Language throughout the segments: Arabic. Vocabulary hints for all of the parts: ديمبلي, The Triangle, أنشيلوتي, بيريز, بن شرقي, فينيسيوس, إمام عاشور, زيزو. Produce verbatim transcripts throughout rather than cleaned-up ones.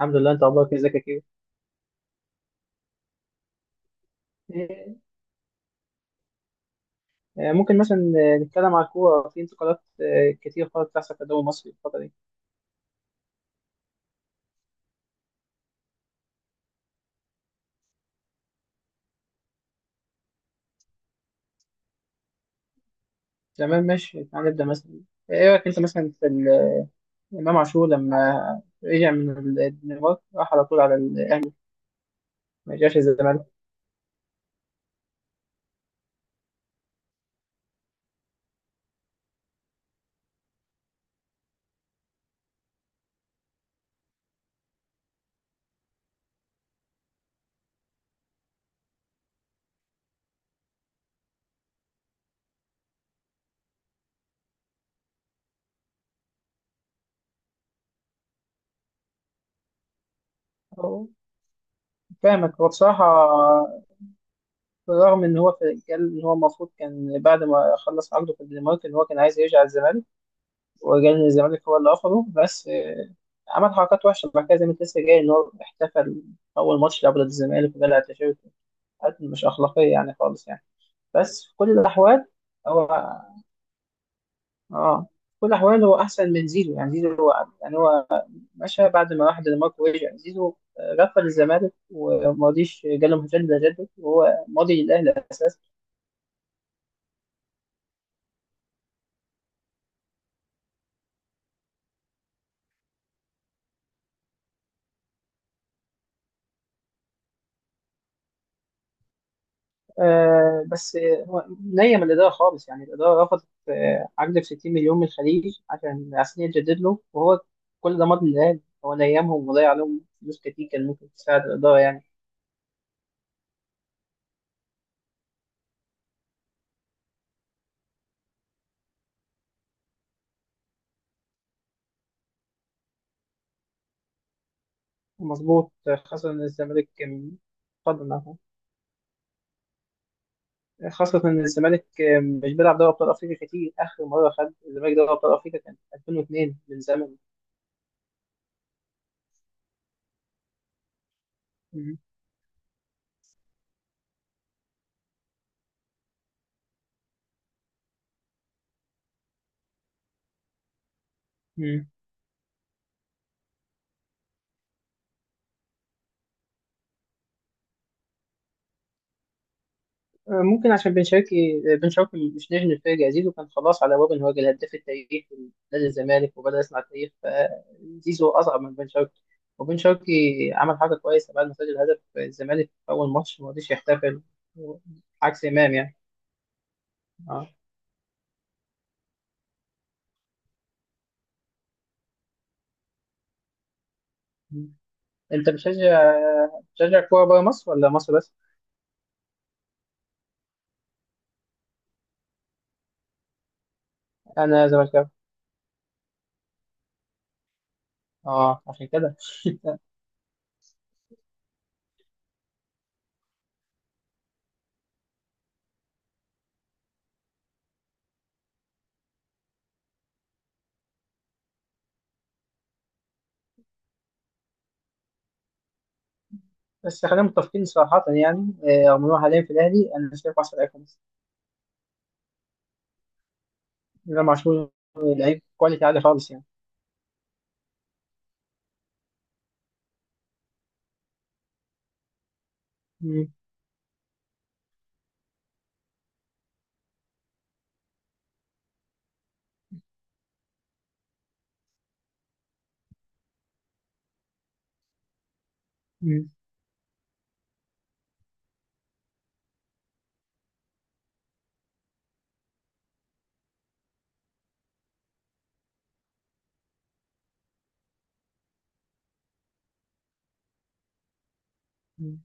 الحمد لله، انت اخبارك إيه؟ ازيك يا كيرو. آه، آه، ممكن مثلا آه، نتكلم على الكوره في انتقالات آه، كتير خالص بتحصل في الدوري المصري الفتره دي. تمام ماشي، تعال نبدا مثلا. ايه رايك انت مثلا في ال- امام عاشور لما رجع من ال- الدنمارك، راح على طول على الاهلي، ما رجعش الزمالك. هو- فاهمك. هو بصراحه بالرغم ان هو في- قال ان هو المفروض كان بعد ما خلص عقده في الدنمارك ان هو كان عايز يرجع الزمالك، وجاي الزمالك هو اللي رفضه. بس آه، عمل حركات وحشة بعد كده، زي ما انت لسه جاي، إن هو احتفل أول ماتش لعبه ضد الزمالك وقلع تيشيرت. حاجات مش أخلاقية يعني خالص يعني. بس في كل الأحوال هو آه في كل الأحوال هو أحسن من زيزو. يعني زيزو هو يعني هو مشى بعد ما راح دنمارك، ورجع زيزو آه، غفل الزمالك وما رضيش جاله مجدد، ده جدد وهو ماضي للأهلي أساسا. آه، بس هو نيم الإدارة خالص، يعني الإدارة رفضت آه، عقد ب ستين مليون من الخليج عشان عشان يتجدد له، وهو كل ده ماضي للهلال. هو نيمهم وضيع عليهم فلوس كتير كان ممكن تساعد الإدارة يعني. مظبوط آه، خاصة إن الزمالك كان- اتفضل أهو. خاصة إن الزمالك آه، مش بيلعب دوري أبطال أفريقيا كتير، آخر مرة خد الزمالك دوري أبطال أفريقيا كان ألفين واتنين، من زمن. مم. ممكن عشان بن شرقي، بن شرقي مش نجم الفرقة. زيزو كان خلاص على باب ان هو يجي الهداف التاريخي لنادي الزمالك وبدأ يصنع تاريخ، فزيزو أصعب من بن شرقي. وبن شرقي عمل حاجة كويسة بعد ما سجل هدف الزمالك في أول ماتش ما رضيش يحتفل، عكس إمام يعني. اه. أنت بتشجع بتشجع كورة بره مصر ولا مصر بس؟ أنا زملكاوي. اه عشان كده. بس خلينا متفقين صراحة، يعني آه، رغم إن هو حاليا في الأهلي أنا شايفه أحسن لاعب في مصر. إمام عاشور لعيب كواليتي عالي خالص يعني. مم. مم. مم.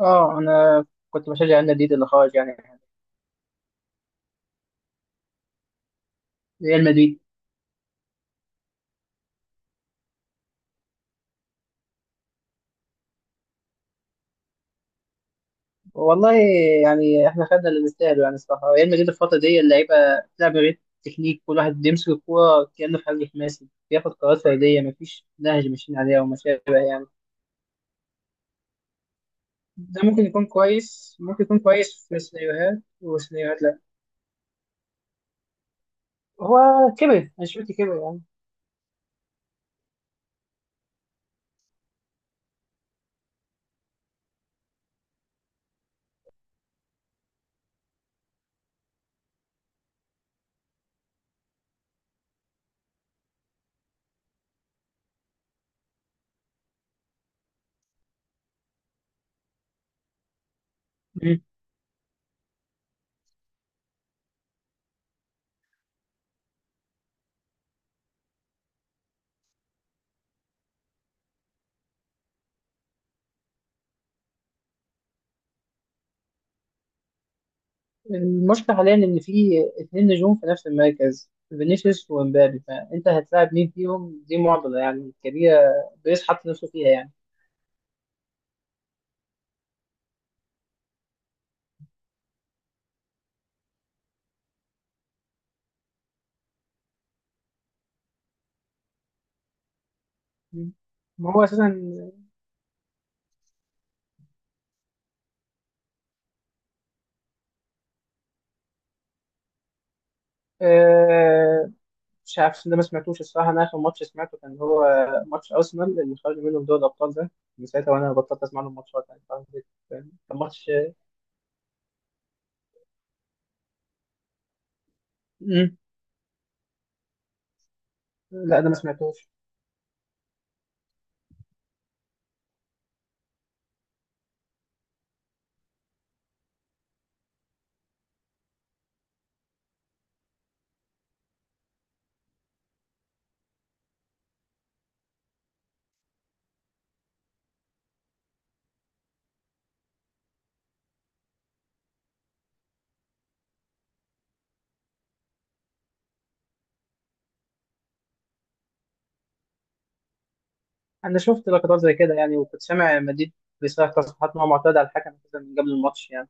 اه، انا كنت بشجع ريال مدريد اللي خرج يعني. ريال مدريد. والله، يعني احنا خدنا اللي نستاهله يعني الصراحه. ريال مدريد الفتره دي اللعيبه بتلعب غير تكنيك، كل واحد بيمسك الكوره كانه في حجم خماسي، بياخد قرارات فرديه، مفيش نهج ماشيين عليها وما شابه يعني. ده ممكن يكون كويس، ممكن يكون كويس في سيناريوهات، وسيناريوهات لا. هو كبر، انشيلوتي كبر يعني. المشكلة حاليا إن في اتنين نجوم في نفس المركز، فينيسيوس ومبابي، فأنت هتلاعب مين فيهم؟ دي معضلة يعني كبيرة، بيريز حط نفسه فيها يعني. ما هو أساسا آه، مش عارف، ده ما سمعتوش الصراحة. أنا آخر ماتش سمعته كان هو ماتش أرسنال اللي خرجوا منه في دوري الأبطال ده، من ساعتها وأنا بطلت أسمع لهم ماتشات يعني، فاهم؟ كان ماتش. مم. لا ده ما سمعتوش. أنا شفت لقطات زي كده يعني، وكنت سامع مديد بيصرح تصريحات إن هو معترض على الحكم أساساً من قبل الماتش يعني.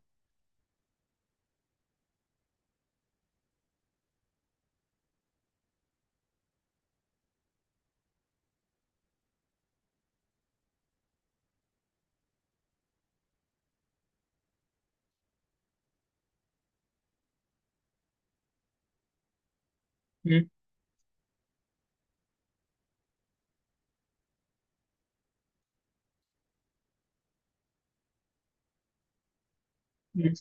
مم.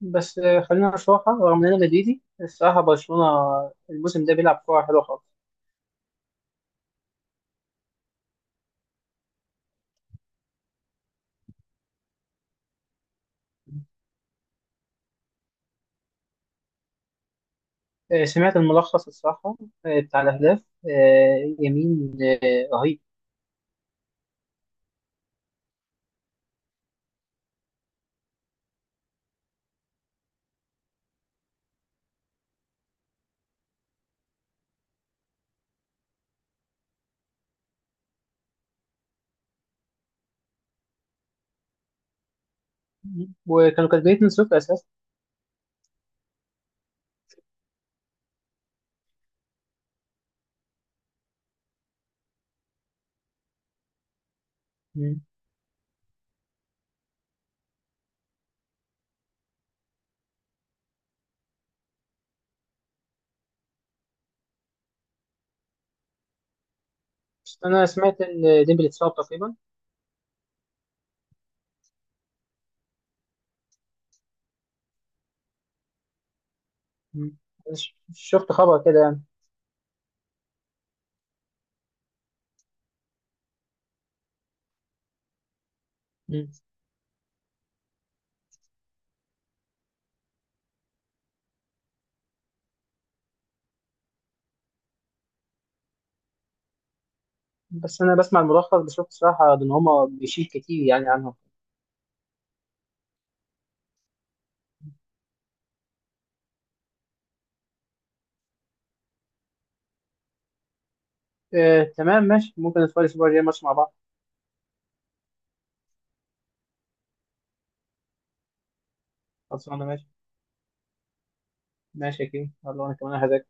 بس آه، خلينا نشوفها، رغم ان انا مدريدي الصراحه برشلونه الموسم ده بيلعب كوره حلوه خالص. آه، سمعت الملخص الصراحه آه، بتاع الاهداف، آه، يمين آه، رهيب. وكانوا كاتبين اتنين صفر اساسا. مم. بس انا سمعت ان ديمبلي اتصاب تقريبا. مم. ش- شفت خبر كده يعني. مم. بس انا بسمع الملخص، بشوف الصراحه ان هما بيشيل كتير يعني عنهم. آه، تمام ماشي، ممكن نتفرج الاسبوع الجاي ماتش مع بعض. خلصانه ماشي، ماشي يا كريم. يلا انا كمان هذاك.